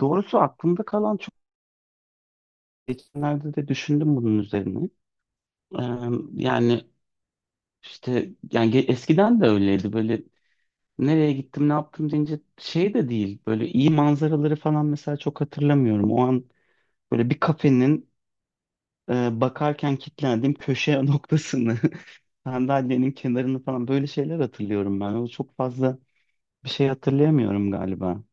Doğrusu aklımda kalan çok geçenlerde de düşündüm bunun üzerine. Ee, yani işte yani eskiden de öyleydi böyle nereye gittim ne yaptım deyince şey de değil böyle iyi manzaraları falan mesela çok hatırlamıyorum. O an böyle bir kafenin bakarken kilitlendiğim köşe noktasını sandalyenin kenarını falan böyle şeyler hatırlıyorum ben. O çok fazla bir şey hatırlayamıyorum galiba.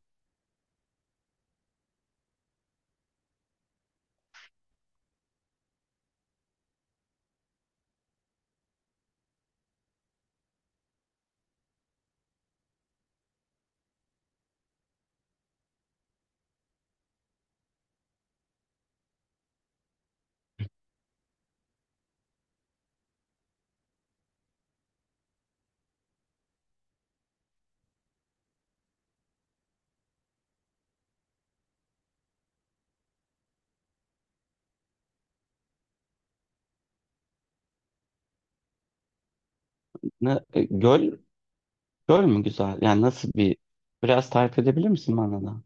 Ne, göl, göl mü güzel? Yani nasıl bir biraz tarif edebilir misin bana da?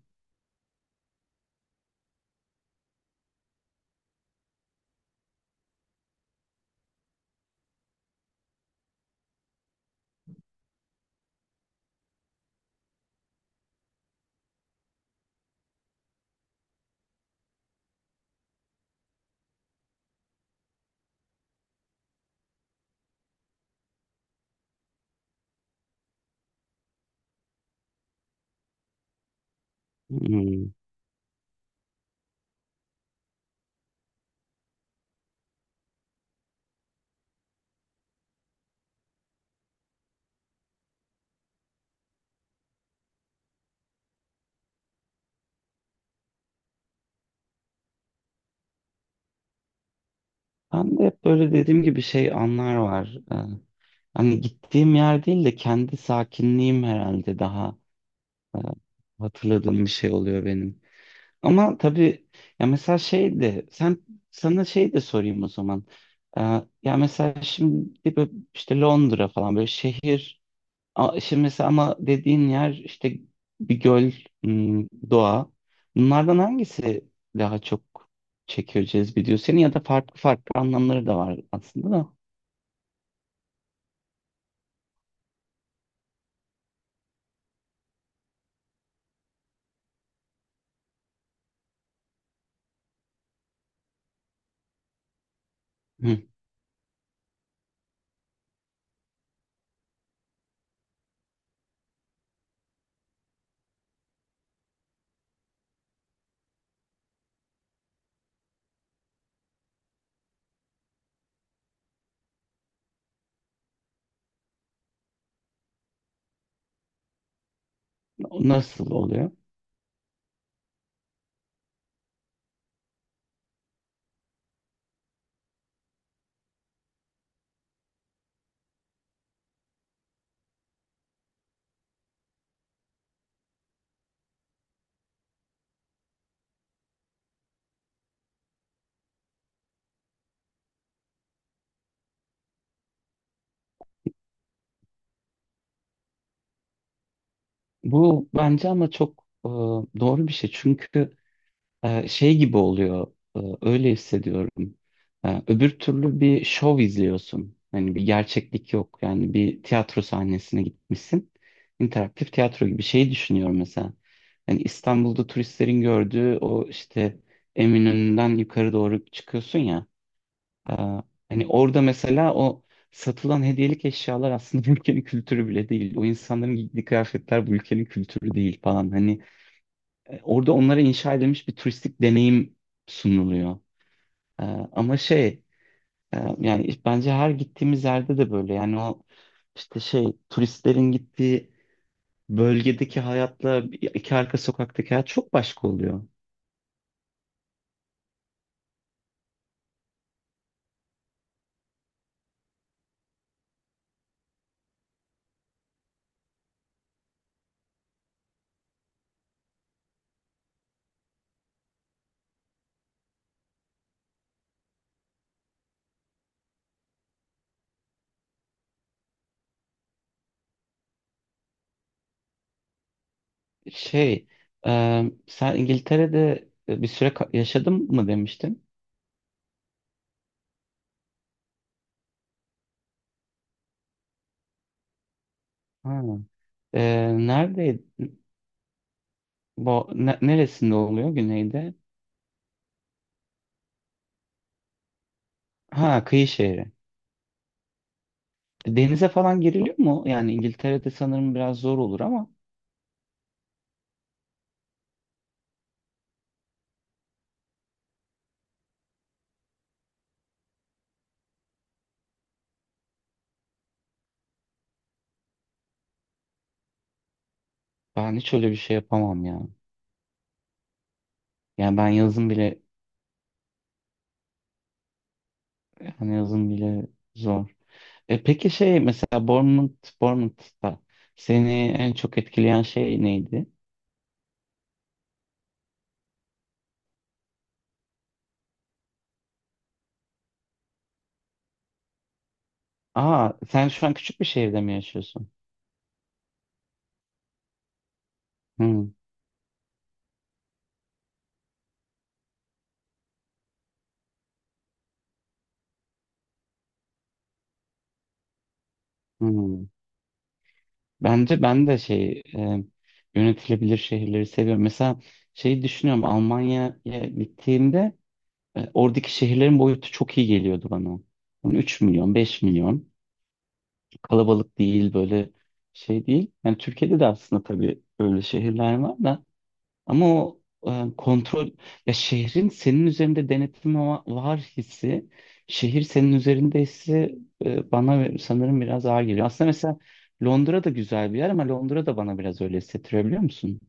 Hmm. Ben de hep böyle dediğim gibi şey anlar var. Hani gittiğim yer değil de kendi sakinliğim herhalde daha e, hatırladığım bir şey oluyor benim. Ama tabii ya mesela şey de sen sana şey de sorayım o zaman. Ee, ya mesela şimdi böyle işte Londra falan böyle şehir. Şimdi mesela ama dediğin yer işte bir göl, doğa. Bunlardan hangisi daha çok çekiyor, cezbediyor seni ya da farklı farklı anlamları da var aslında da. Hı. Nasıl oluyor? Bu bence ama çok doğru bir şey. Çünkü şey gibi oluyor. Öyle hissediyorum. Öbür türlü bir şov izliyorsun. Hani bir gerçeklik yok. Yani bir tiyatro sahnesine gitmişsin. İnteraktif tiyatro gibi şeyi düşünüyorum mesela. Hani İstanbul'da turistlerin gördüğü o işte Eminönü'nden yukarı doğru çıkıyorsun ya. E, hani orada mesela o satılan hediyelik eşyalar aslında bu ülkenin kültürü bile değil. O insanların giydiği kıyafetler bu ülkenin kültürü değil falan. Hani orada onlara inşa edilmiş bir turistik deneyim sunuluyor. E, ama şey yani bence her gittiğimiz yerde de böyle yani o işte şey turistlerin gittiği bölgedeki hayatla iki arka sokaktaki hayat çok başka oluyor. Şey sen İngiltere'de bir süre yaşadın mı demiştin? Ha. E, neredeydi? Bu, neresinde oluyor güneyde? Ha, kıyı şehri. Denize falan giriliyor mu? Yani İngiltere'de sanırım biraz zor olur ama. Ben hiç öyle bir şey yapamam ya. Yani ben yazın bile hani yazın bile zor. Peki şey mesela Bournemouth'ta seni en çok etkileyen şey neydi? Aa, sen şu an küçük bir şehirde mi yaşıyorsun? Hmm, hmm. Bence ben de şey yönetilebilir şehirleri seviyorum. Mesela şeyi düşünüyorum Almanya'ya gittiğimde oradaki şehirlerin boyutu çok iyi geliyordu bana. Yani 3 milyon, 5 milyon. Kalabalık değil böyle şey değil. Yani Türkiye'de de aslında tabii öyle şehirler var da, ama o kontrol, ya şehrin senin üzerinde denetim var hissi, şehir senin üzerinde hissi bana sanırım biraz ağır geliyor. Aslında mesela Londra da güzel bir yer, ama Londra da bana biraz öyle hissettiriyor, biliyor musun?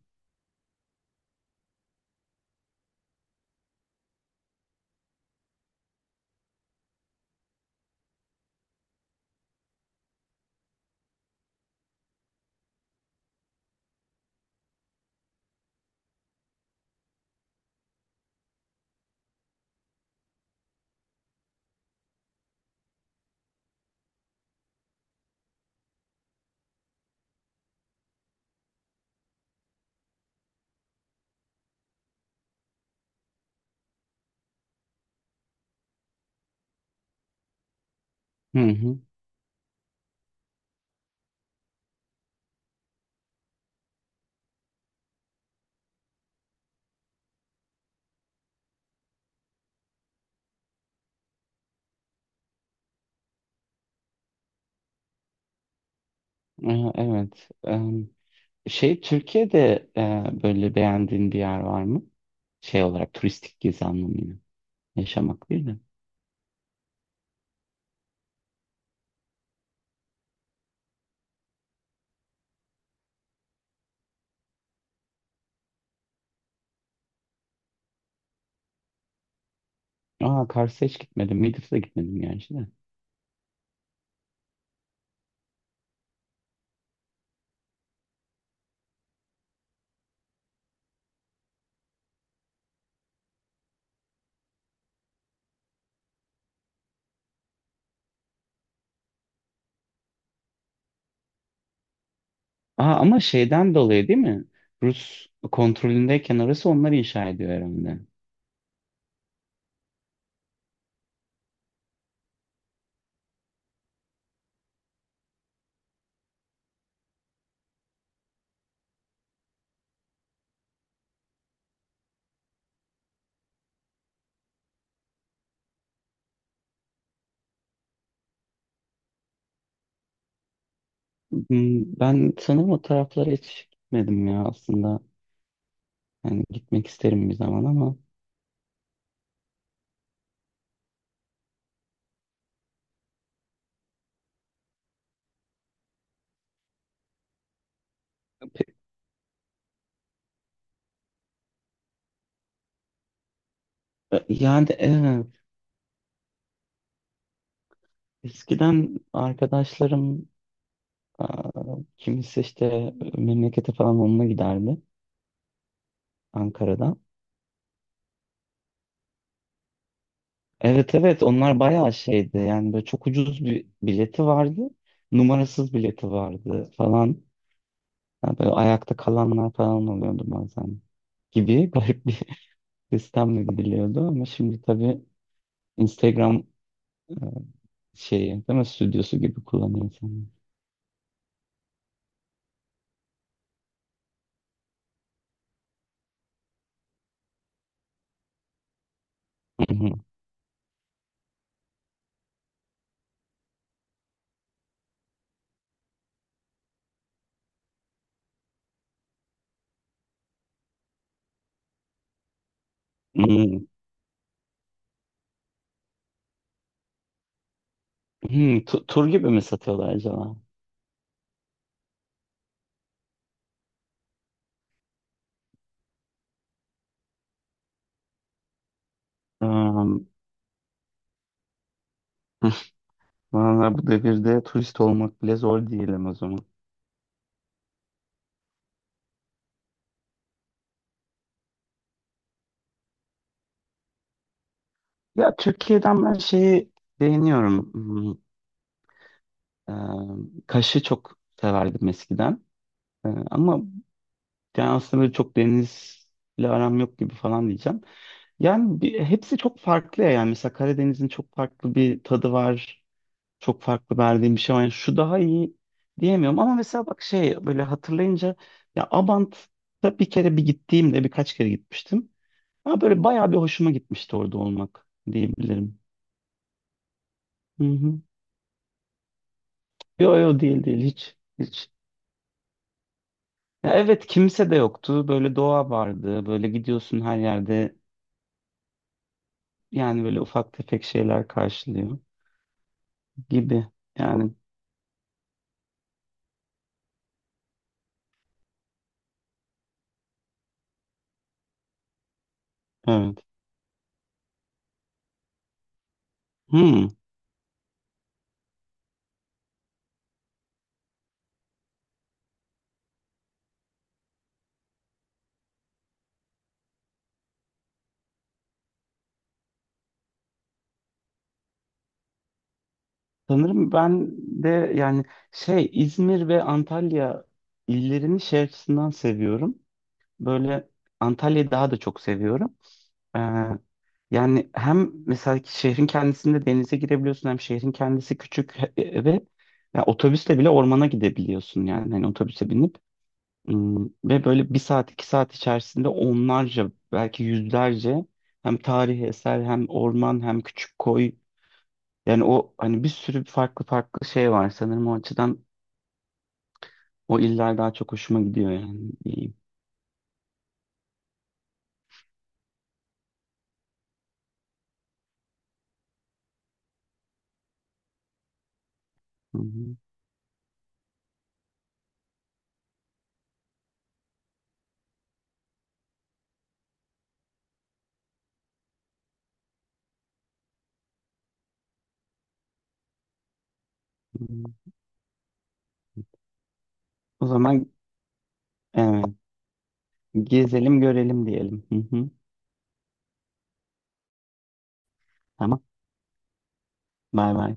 Hı hı. Evet. Şey Türkiye'de böyle beğendiğin bir yer var mı? Şey olarak, turistik gezi anlamıyla. Yaşamak değil de. Aa, Kars'a hiç gitmedim. Midis'e gitmedim yani işte. Aa, ama şeyden dolayı değil mi? Rus kontrolündeyken orası, onlar inşa ediyor herhalde. Ben sanırım o taraflara hiç gitmedim ya aslında. Yani gitmek isterim bir zaman ama. Yani evet, eskiden arkadaşlarım. Aa, kimisi işte memlekete falan onunla giderdi, Ankara'da. Evet, evet, onlar bayağı şeydi, yani böyle çok ucuz bir bileti vardı. Numarasız bileti vardı falan. Yani böyle ayakta kalanlar falan oluyordu bazen, gibi garip bir sistemle gidiliyordu. Ama şimdi tabii Instagram e, şeyi değil mi, stüdyosu gibi kullanıyor insanlar. Hmm. Hmm. Hmm. Tur gibi mi satıyorlar acaba? Hmm. Valla bu devirde turist olmak bile zor diyelim o zaman. Ya Türkiye'den ben şeyi beğeniyorum. Kaş'ı çok severdim eskiden. Ama yani aslında böyle çok denizle aram yok gibi falan diyeceğim. Yani hepsi çok farklı ya. Yani mesela Karadeniz'in çok farklı bir tadı var. Çok farklı verdiğim bir şey var. Yani şu daha iyi diyemiyorum. Ama mesela bak, şey böyle hatırlayınca ya, Abant'a bir kere bir gittiğimde, birkaç kere gitmiştim. Ama böyle bayağı bir hoşuma gitmişti orada olmak diyebilirim. Hı hı. Yo yo, değil değil, hiç hiç. Ya evet, kimse de yoktu. Böyle doğa vardı. Böyle gidiyorsun, her yerde yani böyle ufak tefek şeyler karşılıyor gibi. Yani evet. Hmm. Sanırım ben de yani şey İzmir ve Antalya illerini şey açısından seviyorum. Böyle Antalya'yı daha da çok seviyorum. Yani hem mesela ki şehrin kendisinde denize girebiliyorsun, hem şehrin kendisi küçük, ve ya otobüsle bile ormana gidebiliyorsun, yani hani otobüse binip. Ve böyle 1 saat 2 saat içerisinde onlarca, belki yüzlerce hem tarihi eser, hem orman, hem küçük koy, yani o hani bir sürü farklı farklı şey var, sanırım o açıdan o iller daha çok hoşuma gidiyor yani, diyeyim. Hı hı, hı hı. O zaman evet, gezelim görelim diyelim. Hı hı. Tamam. Bay bay.